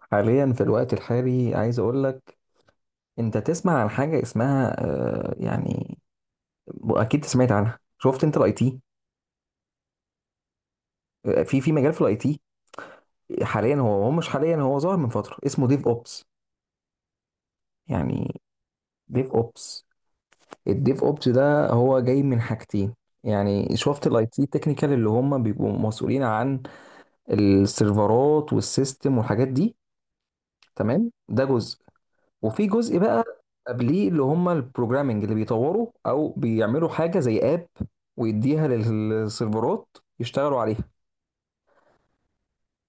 حاليا في الوقت الحالي عايز اقول لك. انت تسمع عن حاجه اسمها يعني اكيد سمعت عنها. شفت انت الاي تي؟ في مجال في الاي تي حاليا. هو مش حاليا، هو ظاهر من فتره اسمه ديف اوبس. يعني ديف اوبس. الديف اوبس ده هو جاي من حاجتين. يعني شفت الاي تي تكنيكال اللي هم بيبقوا مسؤولين عن السيرفرات والسيستم والحاجات دي. تمام، ده جزء. وفي جزء بقى قبليه اللي هم البروجرامنج اللي بيطوروا او بيعملوا حاجه زي اب ويديها للسيرفرات يشتغلوا عليها.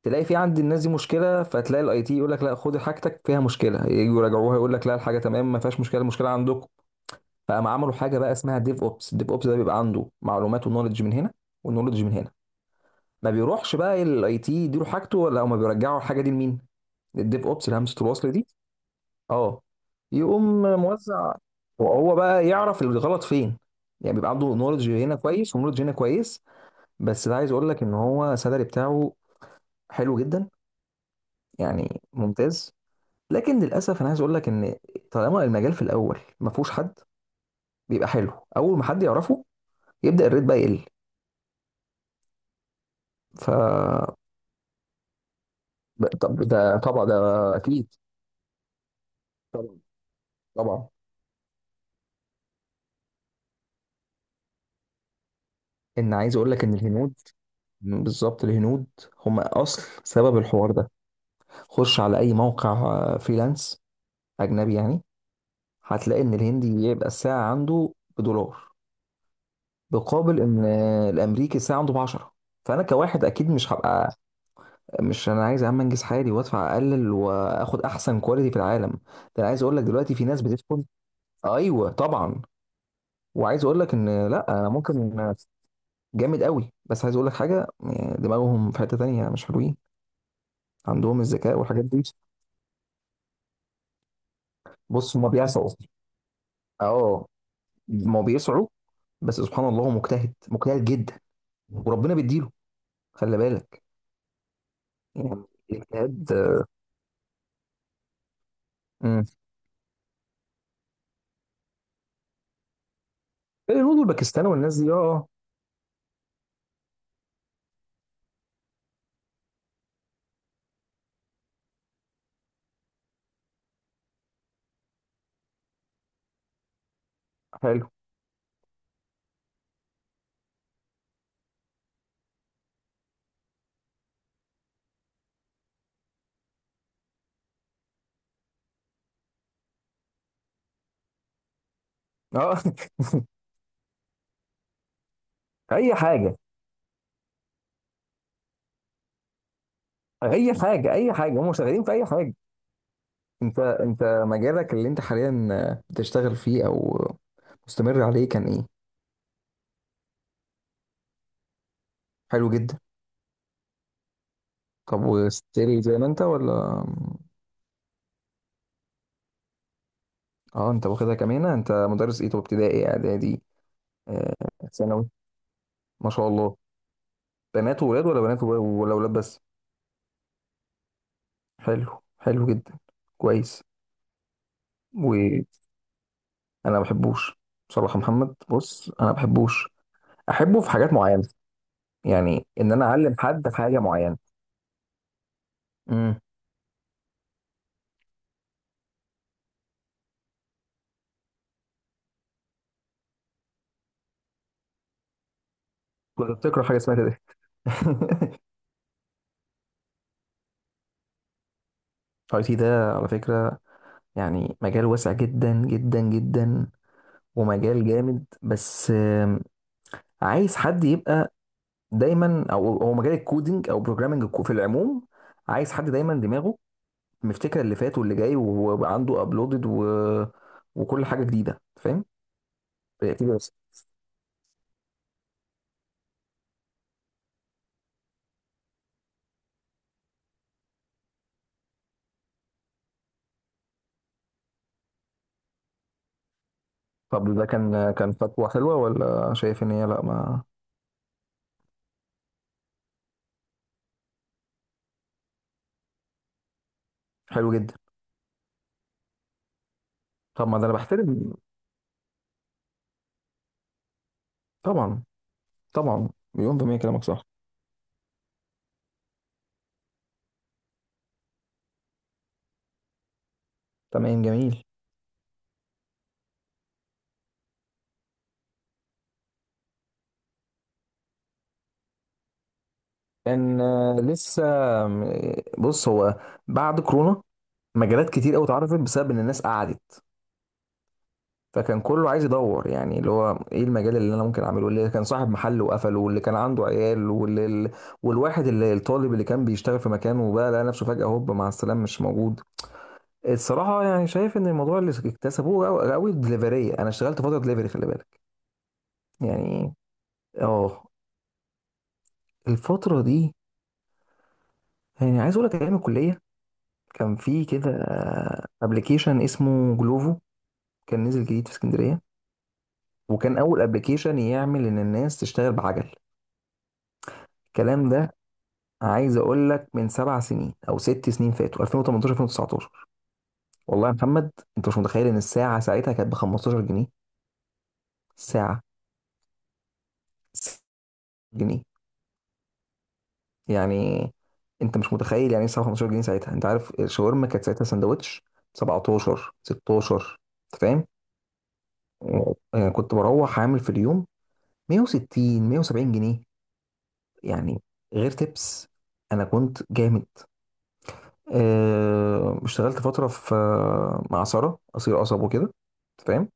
تلاقي في عند الناس دي مشكله، فتلاقي الاي تي يقول لك لا، خد حاجتك فيها مشكله. يجوا يراجعوها يقول لك لا، الحاجه تمام، ما فيهاش مشكله، المشكله عندكم. فقام عملوا حاجه بقى اسمها ديف اوبس. الديف اوبس ده بيبقى عنده معلومات ونولج من هنا ونولج من هنا. ما بيروحش بقى الاي تي يديله حاجته ولا هما بيرجعوا الحاجه دي لمين؟ للديف اوبس، الهمزه الوصل دي. اه. يقوم موزع، وهو بقى يعرف الغلط فين. يعني بيبقى عنده نولج هنا كويس ونولج هنا كويس. بس ده عايز اقول لك ان هو سالري بتاعه حلو جدا، يعني ممتاز. لكن للاسف انا عايز اقول لك ان طالما المجال في الاول ما فيهوش حد، بيبقى حلو. اول ما حد يعرفه، يبدا الريت بقى يقل. ف طب ده طبعا اكيد. طبعا، طبعا. ان عايز اقول لك ان الهنود، بالظبط الهنود هم اصل سبب الحوار ده. خش على اي موقع فريلانس اجنبي يعني، هتلاقي ان الهندي يبقى الساعه عنده بدولار، بقابل ان الامريكي الساعه عنده ب 10. فانا كواحد اكيد مش هبقى، مش، انا عايز يا عم انجز حالي وادفع اقلل واخد احسن كواليتي في العالم ده. انا عايز اقول لك دلوقتي في ناس بتدخل. ايوه طبعا. وعايز اقول لك ان لا، انا ممكن. جامد قوي، بس عايز اقول لك حاجه، دماغهم في حته تانية، مش حلوين. عندهم الذكاء والحاجات دي. بص، هما بيسعوا. اه، ما بيسعوا. بس سبحان الله، هو مجتهد مجتهد جدا. وربنا بيديله، خلي بالك. يعني الاجتهاد. امم. الهنود والباكستان والناس دي، اه. حلو. اه. اي حاجه، اي حاجه، اي حاجه. هم شغالين في اي حاجه. انت مجالك اللي انت حاليا بتشتغل فيه او مستمر عليه كان ايه؟ حلو جدا. طب وستيل زي ما انت ولا؟ اه. انت واخدها كمان. انت مدرس ايه؟ طب ابتدائي اعدادي؟ آه، ثانوي. ما شاء الله. بنات وولاد ولا ولا ولاد بس؟ حلو، حلو جدا. كويس. وانا ما بحبوش. بصراحه محمد، بص، انا ما بحبوش. احبه في حاجات معينه، يعني ان انا اعلم حد في حاجه معينه. امم. كنت بتقرا حاجه اسمها كده. اي تي ده على فكره يعني مجال واسع جدا جدا جدا، ومجال جامد، بس عايز حد يبقى دايما. او هو مجال الكودينج او بروجرامنج في العموم عايز حد دايما دماغه مفتكر اللي فات واللي جاي، وهو عنده ابلودد و... وكل حاجه جديده، فاهم. برياكتيف بس. طب ده كان خطوه حلوه ولا شايف ان هي لا ما. حلو جدا. طب ما ده انا بحترم، طبعا. طبعا، مليون في المية كلامك صح. تمام، جميل. كان لسه. آم، بص، هو بعد كورونا مجالات كتير قوي اتعرفت بسبب ان الناس قعدت. فكان كله عايز يدور، يعني اللي هو ايه المجال اللي انا ممكن اعمله. اللي كان صاحب محل وقفله، واللي كان عنده عيال، والواحد اللي الطالب اللي كان بيشتغل في مكانه وبقى لقى نفسه فجأة هوب مع السلامة مش موجود. الصراحة يعني شايف ان الموضوع اللي اكتسبوه قوي الدليفرية. انا اشتغلت فترة دليفري، خلي بالك. يعني اه، الفترة دي، يعني عايز اقول لك ايام الكلية. كان في كده ابلكيشن اسمه جلوفو، كان نزل جديد في اسكندرية، وكان اول ابلكيشن يعمل ان الناس تشتغل بعجل. الكلام ده عايز اقول لك من 7 سنين او 6 سنين فاتوا، 2018، 2019. والله يا محمد، انت مش متخيل ان الساعه ساعتها كانت ب 15 جنيه. ساعه. جنيه. يعني انت مش متخيل يعني ايه ساعه 15 جنيه. ساعتها انت عارف الشاورما كانت ساعتها سندوتش 17، 16. انت فاهم. يعني كنت بروح عامل في اليوم 160، 170 جنيه، يعني، غير تبس. انا كنت جامد. اشتغلت فتره في مع ساره قصير قصب وكده، انت فاهم.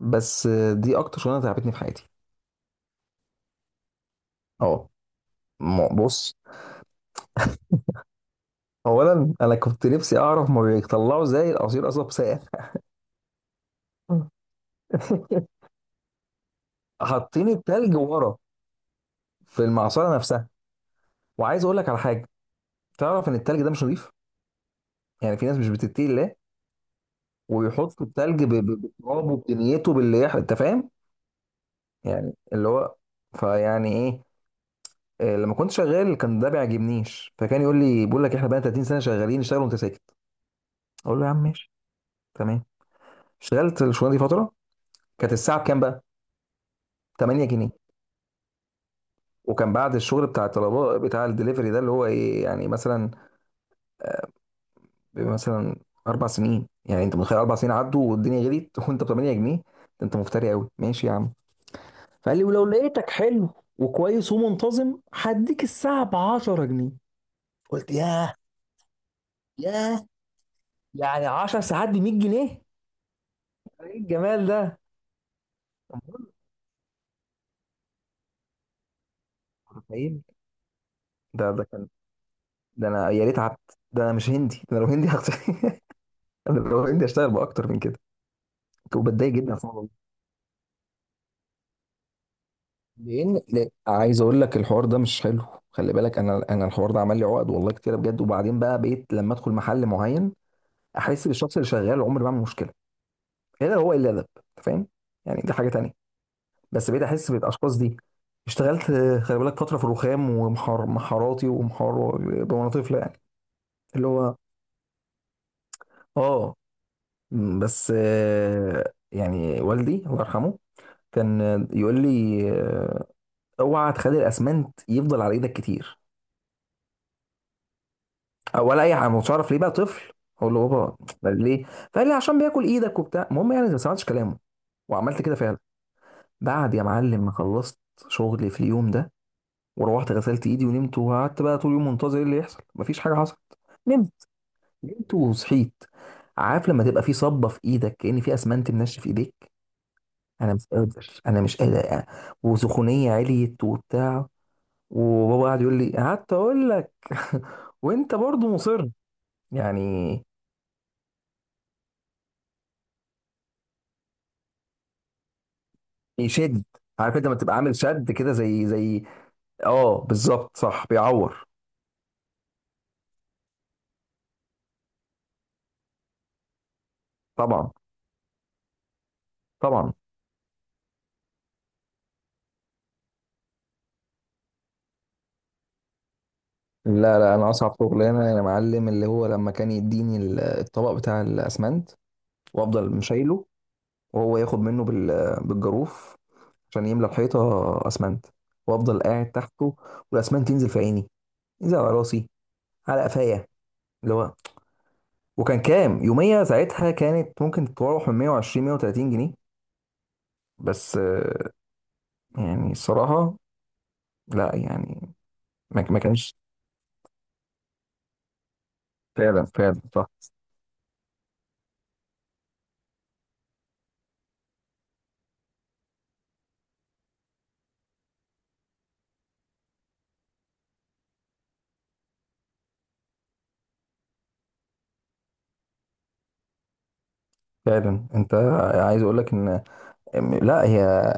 بس دي اكتر شغلانه تعبتني في حياتي. اه. بص، اولا انا كنت نفسي اعرف ما بيطلعوا زي العصير قصب ساقع. حاطين التلج ورا، في المعصره نفسها. وعايز اقول لك على حاجه، تعرف ان التلج ده مش نظيف. يعني في ناس مش بتتقي الله ويحطوا التلج بالتراب وبدنيته باللي انت فاهم. يعني اللي هو، فيعني ايه، لما كنت شغال كان ده بيعجبنيش، فكان يقول لي، بيقول لك احنا بقى 30 سنه شغالين، اشتغل وانت ساكت. اقول له يا عم ماشي، تمام. اشتغلت الشغلانه دي فتره. كانت الساعه بكام بقى؟ 8 جنيه. وكان بعد الشغل بتاع الطلباء بتاع الدليفري ده، اللي هو ايه يعني مثلا، مثلا 4 سنين، يعني انت متخيل 4 سنين عدوا والدنيا غليت وانت ب 8 جنيه، ده انت مفتري قوي، ماشي يا عم. فقال لي ولو لقيتك حلو وكويس ومنتظم هديك الساعه ب 10 جنيه. قلت ياه، ياه، يعني 10 ساعات ب 100 جنيه. ايه الجمال ده! أنت متخيل. ده كان، ده انا يا ريت عبد، ده انا مش هندي، ده انا لو هندي انا لو هندي هشتغل باكتر من كده. وبتضايق جدا، لان لا، عايز اقول لك الحوار ده مش حلو. خلي بالك، انا الحوار ده عمل لي عقد والله كتير بجد. وبعدين بقى بقيت لما ادخل محل معين احس بالشخص اللي شغال عمري ما اعمل مشكله، الا هو الا ادب. أنت فاهم. يعني دي حاجه تانية. بس بقيت احس بالاشخاص دي. اشتغلت خلي بالك فتره في الرخام ومحار محاراتي ومحار وانا طفله يعني، اللي هو، اه. بس يعني والدي الله يرحمه كان يقول لي اوعى تخلي الاسمنت يفضل على ايدك كتير، ولا اي حاجه. ما كنتش اعرف ليه بقى، طفل، اقول له بابا بل ليه. فقال لي عشان بياكل ايدك وبتاع. المهم يعني ما سمعتش كلامه وعملت كده فعلا. بعد يا معلم ما خلصت شغلي في اليوم ده، وروحت غسلت ايدي ونمت وقعدت بقى طول اليوم منتظر ايه اللي يحصل. مفيش حاجه حصلت. نمت. نمت وصحيت. عارف لما تبقى في صبه في ايدك كأن في اسمنت منشف في ايديك. انا مش قادر، انا مش قادر. وسخونيه عليت وبتاع. وبابا قاعد يقول لي، قعدت اقول لك. وانت برضو مصر. يعني يشد. عارف انت لما تبقى عامل شد كده، زي اه، بالظبط، صح، بيعور. طبعا، طبعا. لا، لا، انا اصعب شغلانه يا معلم اللي هو لما كان يديني الطبق بتاع الاسمنت وافضل مشايله، وهو ياخد منه بالجاروف عشان يملى الحيطه اسمنت، وافضل قاعد تحته، والاسمنت ينزل في عيني، ينزل على راسي، على قفايا، اللي هو. وكان كام يوميه ساعتها؟ كانت ممكن تتراوح من 120، 130 جنيه، بس يعني الصراحه لا يعني. ما كانش، فعلا فعلا صح. فعلا انت، عايز اقول لك ان لا، هي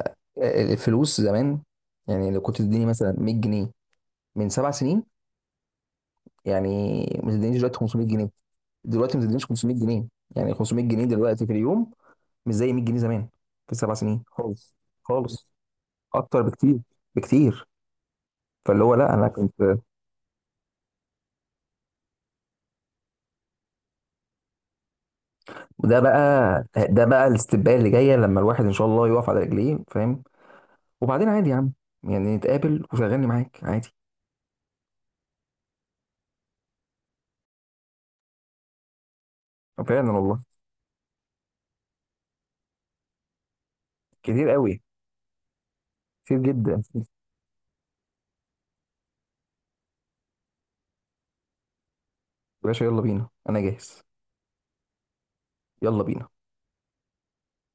الفلوس زمان يعني. لو كنت تديني مثلا 100 جنيه من 7 سنين، يعني ما تدينيش دلوقتي 500 جنيه. دلوقتي ما تدينيش 500 جنيه. يعني 500 جنيه دلوقتي في اليوم مش زي 100 جنيه زمان. في 7 سنين خالص. خالص. اكتر بكتير. بكتير. فاللي هو لا، انا كنت. وده بقى الاستباء اللي جايه، لما الواحد ان شاء الله يقف على رجليه، فاهم. وبعدين عادي يا عم، يعني نتقابل وشغلني معاك عادي. فعلا والله. كتير قوي، كتير جدا يا باشا. يلا بينا، انا جاهز. يلا بينا.